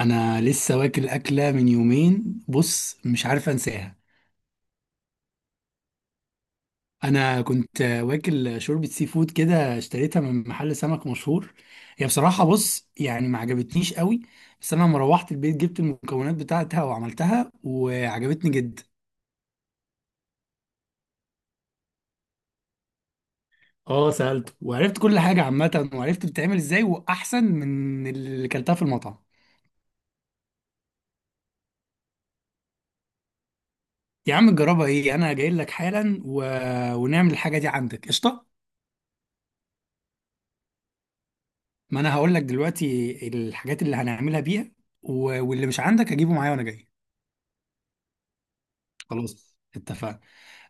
انا لسه واكل اكله من يومين. بص مش عارف انساها. انا كنت واكل شوربه سي فود كده اشتريتها من محل سمك مشهور. هي بصراحه بص يعني ما عجبتنيش قوي. بس انا لما روحت البيت جبت المكونات بتاعتها وعملتها وعجبتني جدا. اه سالته وعرفت كل حاجه عامه وعرفت بتتعمل ازاي واحسن من اللي كلتها في المطعم. يا عم جربها ايه، انا جاي لك حالا ونعمل الحاجه دي عندك، قشطه. ما انا هقول لك دلوقتي الحاجات اللي هنعملها بيها، و- واللي مش عندك هجيبه معايا وانا جاي. خلاص اتفقنا.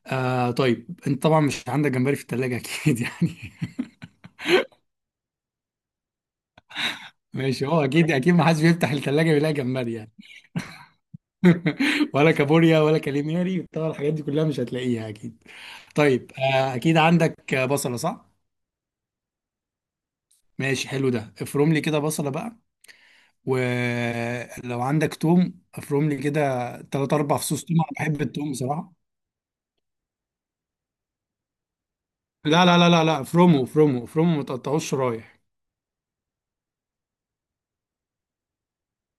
آه طيب انت طبعا مش عندك جمبري في التلاجة اكيد يعني. ماشي، هو اكيد اكيد ما حدش بيفتح التلاجة بيلاقي جمبري يعني. ولا كابوريا ولا كاليماري طبعا الحاجات دي كلها مش هتلاقيها اكيد. طيب آه اكيد عندك بصلة صح؟ ماشي حلو، ده افرم لي كده بصلة بقى. ولو عندك توم افرم لي كده تلات اربع فصوص توم، انا بحب التوم بصراحة. لا لا لا لا لا، فرومو فرومو فرومو، ما تقطعوش رايح.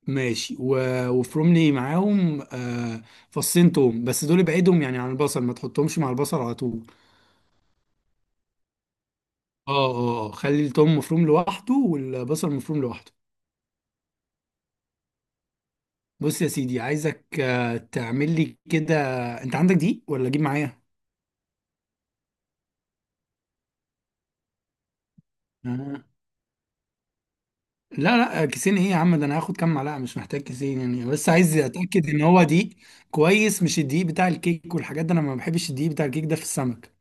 ماشي وفروملي معاهم آه فصين توم بس، دول ابعدهم يعني عن البصل، ما تحطهمش مع البصل على طول. اه اه خلي التوم مفروم لوحده والبصل مفروم لوحده. بص يا سيدي عايزك تعمل لي كده. انت عندك دي ولا اجيب معايا؟ آه. لا لا كيسين ايه يا عم، ده انا هاخد كام معلقه، مش محتاج كيسين يعني، بس عايز اتاكد ان هو دقيق كويس. مش الدقيق بتاع الكيك والحاجات ده، انا ما بحبش الدقيق بتاع الكيك ده في السمك.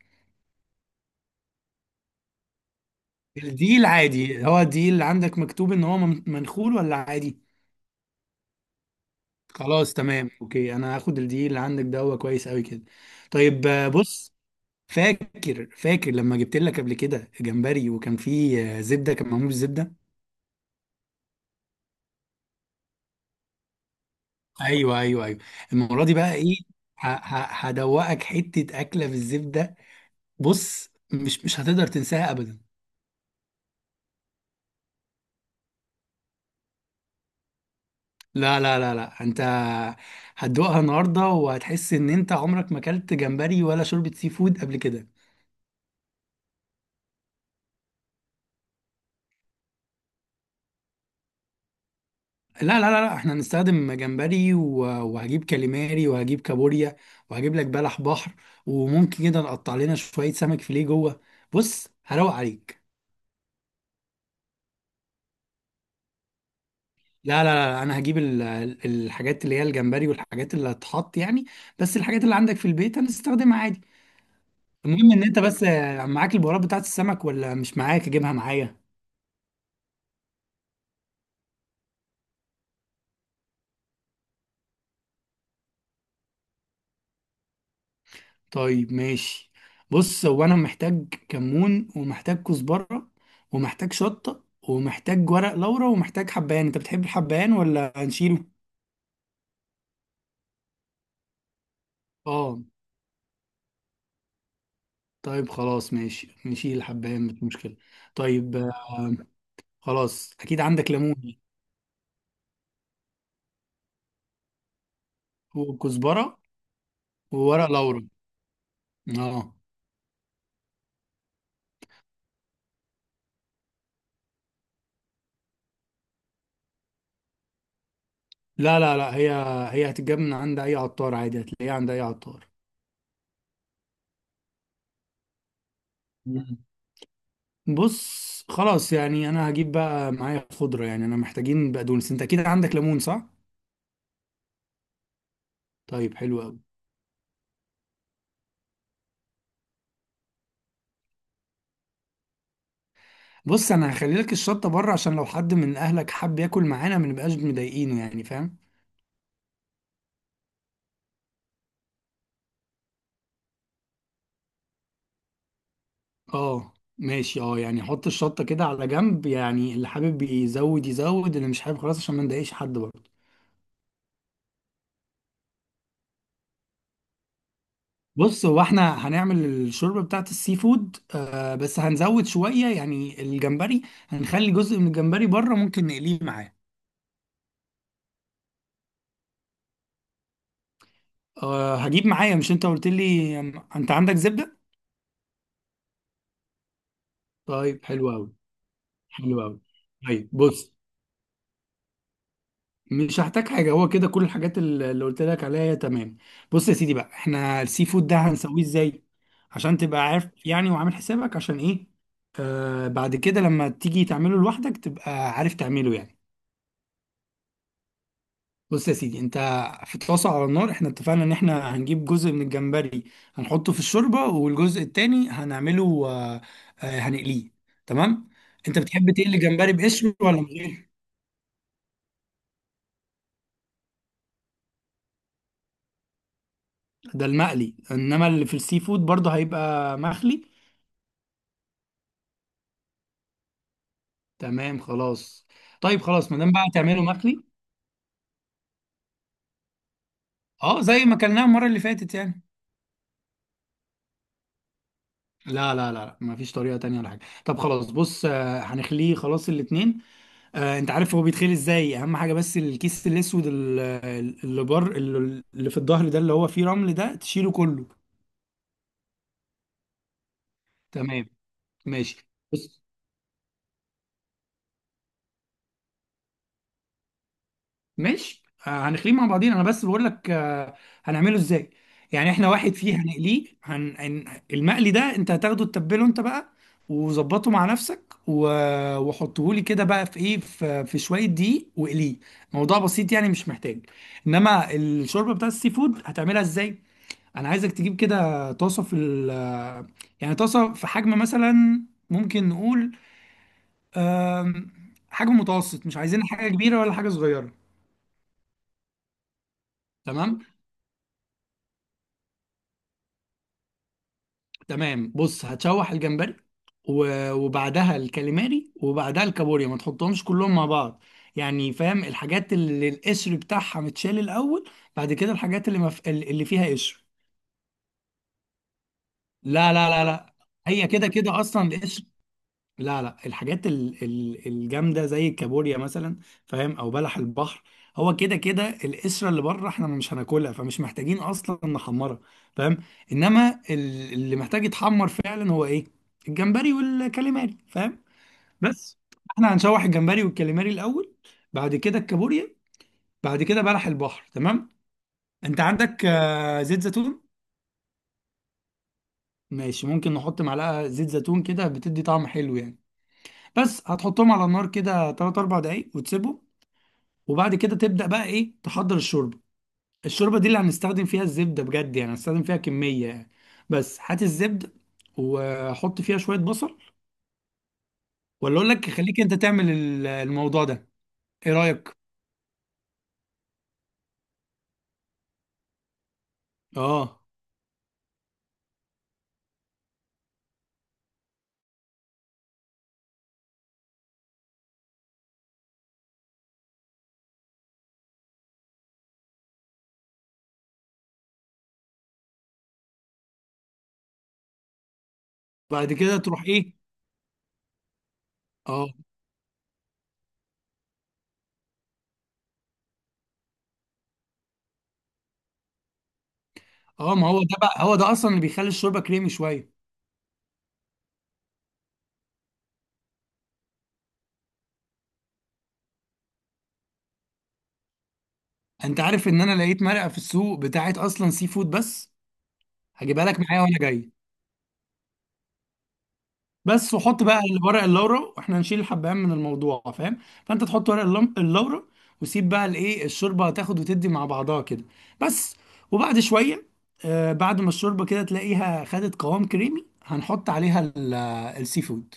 الدي العادي، هو الدي اللي عندك مكتوب ان هو منخول ولا عادي؟ خلاص تمام اوكي، انا هاخد الدي اللي عندك ده، هو كويس قوي كده. طيب بص، فاكر فاكر لما جبت لك قبل كده جمبري وكان فيه زبده، كان معمول بالزبده. ايوه ايوه ايوه. المره دي بقى ايه، هدوقك حته اكله بالزبده. بص مش هتقدر تنساها ابدا. لا لا لا لا، انت هتدوقها النهارده وهتحس ان انت عمرك ما اكلت جمبري ولا شوربه سي فود قبل كده. لا لا لا لا، احنا هنستخدم جمبري و- وهجيب كاليماري وهجيب كابوريا وهجيب لك بلح بحر، وممكن كده نقطع لنا شوية سمك فيليه جوه. بص هروق عليك. لا لا لا، انا هجيب الحاجات اللي هي الجمبري والحاجات اللي هتحط يعني، بس الحاجات اللي عندك في البيت هنستخدمها عادي. المهم ان انت بس معاك البهارات بتاعت السمك ولا مش معاك اجيبها معايا؟ طيب ماشي، بص هو انا محتاج كمون، ومحتاج كزبرة، ومحتاج شطة، ومحتاج ورق لورا، ومحتاج حبهان. انت بتحب الحبهان ولا هنشيله؟ اه طيب خلاص ماشي، نشيل الحبهان، مش مشكلة. طيب آه خلاص، اكيد عندك ليمون. وكزبرة. وورق لورا. اه لا لا لا، هي هتتجاب من عند اي عطار عادي، هتلاقيها عند اي عطار. بص خلاص يعني انا هجيب بقى معايا خضره يعني، انا محتاجين بقدونس، انت اكيد عندك ليمون صح؟ طيب حلو قوي. بص انا هخلي لك الشطه بره، عشان لو حد من اهلك حب ياكل معانا ما نبقاش مضايقينه يعني، فاهم؟ اه ماشي اه، يعني حط الشطه كده على جنب، يعني اللي حابب يزود يزود اللي مش حابب خلاص، عشان ما نضايقش حد برضه. بص هو احنا هنعمل الشوربه بتاعت السي فود آه، بس هنزود شويه يعني الجمبري، هنخلي جزء من الجمبري بره، ممكن نقليه معاه. أه هجيب معايا. مش انت قلت لي انت عندك زبدة؟ طيب حلو قوي. حلو قوي. طيب بص مش هحتاج حاجة، هو كده كل الحاجات اللي قلت لك عليها هي تمام. بص يا سيدي بقى، احنا السي فود ده هنسويه ازاي عشان تبقى عارف يعني وعامل حسابك عشان ايه. أه بعد كده لما تيجي تعمله لوحدك تبقى عارف تعمله يعني. بص يا سيدي، انت في طاسة على النار، احنا اتفقنا ان احنا هنجيب جزء من الجمبري هنحطه في الشوربة، والجزء التاني هنعمله هنقليه، تمام. انت بتحب تقلي جمبري بقشر ولا من غير؟ ده المقلي، انما اللي في السي فود برضه هيبقى مخلي، تمام خلاص. طيب خلاص ما دام بقى هتعمله مخلي. اه زي ما اكلناه المرة اللي فاتت يعني. لا لا لا لا، مفيش طريقة تانية ولا حاجة، طب خلاص بص هنخليه خلاص الاتنين. انت عارف هو بيتخيل ازاي، اهم حاجه بس الكيس الاسود اللي بر اللي في الظهر ده اللي هو فيه رمل ده تشيله كله. تمام. ماشي، بص ماشي هنخليه مع بعضين، انا بس بقول لك هنعمله ازاي. يعني احنا واحد فيه هنقليه، هن... هن- المقلي ده انت هتاخده تتبله انت بقى وظبطه مع نفسك وحطه لي كده بقى في ايه، في شويه دقيق واقليه، موضوع بسيط يعني، مش محتاج. انما الشوربه بتاع السي فود هتعملها ازاي، انا عايزك تجيب كده طاسه في ال، يعني طاسه في حجم مثلا، ممكن نقول آم، حجم متوسط، مش عايزين حاجه كبيره ولا حاجه صغيره. تمام. تمام بص هتشوح الجمبري و- وبعدها الكاليماري وبعدها الكابوريا، ما تحطهمش كلهم مع بعض، يعني فاهم؟ الحاجات اللي القشر بتاعها متشال الاول، بعد كده الحاجات اللي اللي فيها قشر. لا لا لا لا، هي كده كده اصلا القشر، لا لا، الحاجات الجامده زي الكابوريا مثلا، فاهم؟ او بلح البحر، هو كده كده القشره اللي بره احنا مش هناكلها، فمش محتاجين اصلا نحمرها، فاهم؟ انما اللي محتاج يتحمر فعلا هو ايه؟ الجمبري والكاليماري، فاهم؟ بس، احنا هنشوح الجمبري والكاليماري الاول، بعد كده الكابوريا، بعد كده بلح البحر، تمام. انت عندك زيت زيتون؟ ماشي، ممكن نحط معلقه زيت زيتون كده، بتدي طعم حلو يعني. بس هتحطهم على النار كده 3 4 دقايق وتسيبهم، وبعد كده تبدأ بقى ايه، تحضر الشوربة. الشوربة دي اللي هنستخدم فيها الزبدة بجد يعني، هنستخدم فيها كمية يعني. بس هات الزبدة وحط فيها شوية بصل، ولا اقول لك خليك انت تعمل الموضوع ده، ايه رأيك؟ اه بعد كده تروح ايه. اه. اه ما هو ده بقى، هو ده اصلا اللي بيخلي الشوربة كريمي شوية. انت عارف ان انا لقيت مرقة في السوق بتاعت اصلا سي فود بس، هجيبها لك معايا وانا جاي. بس وحط بقى ورق اللورا، واحنا هنشيل الحبهان من الموضوع فاهم، فانت تحط ورق اللورا وسيب بقى الايه الشوربه تاخد وتدي مع بعضها كده بس. وبعد شويه آه، بعد ما الشوربه كده تلاقيها خدت قوام كريمي، هنحط عليها السي فود.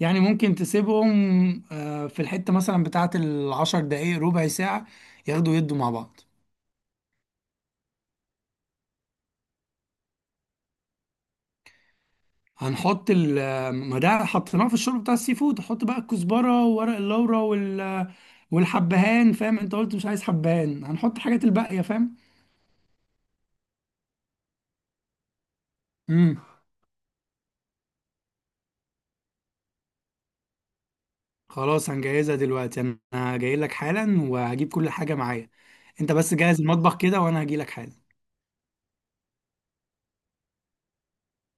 يعني ممكن تسيبهم آه في الحته مثلا بتاعت 10 دقايق ربع ساعه، ياخدوا يدوا مع بعض. هنحط ال، ما ده حطيناه في الشوربه بتاع السي فود، هحط بقى الكزبره وورق اللورا والحبهان، فاهم؟ انت قلت مش عايز حبهان، هنحط حاجات الباقيه، فاهم؟ امم خلاص هنجهزها دلوقتي، انا جاي لك حالا وهجيب كل حاجه معايا، انت بس جهز المطبخ كده وانا هجي لك حالا.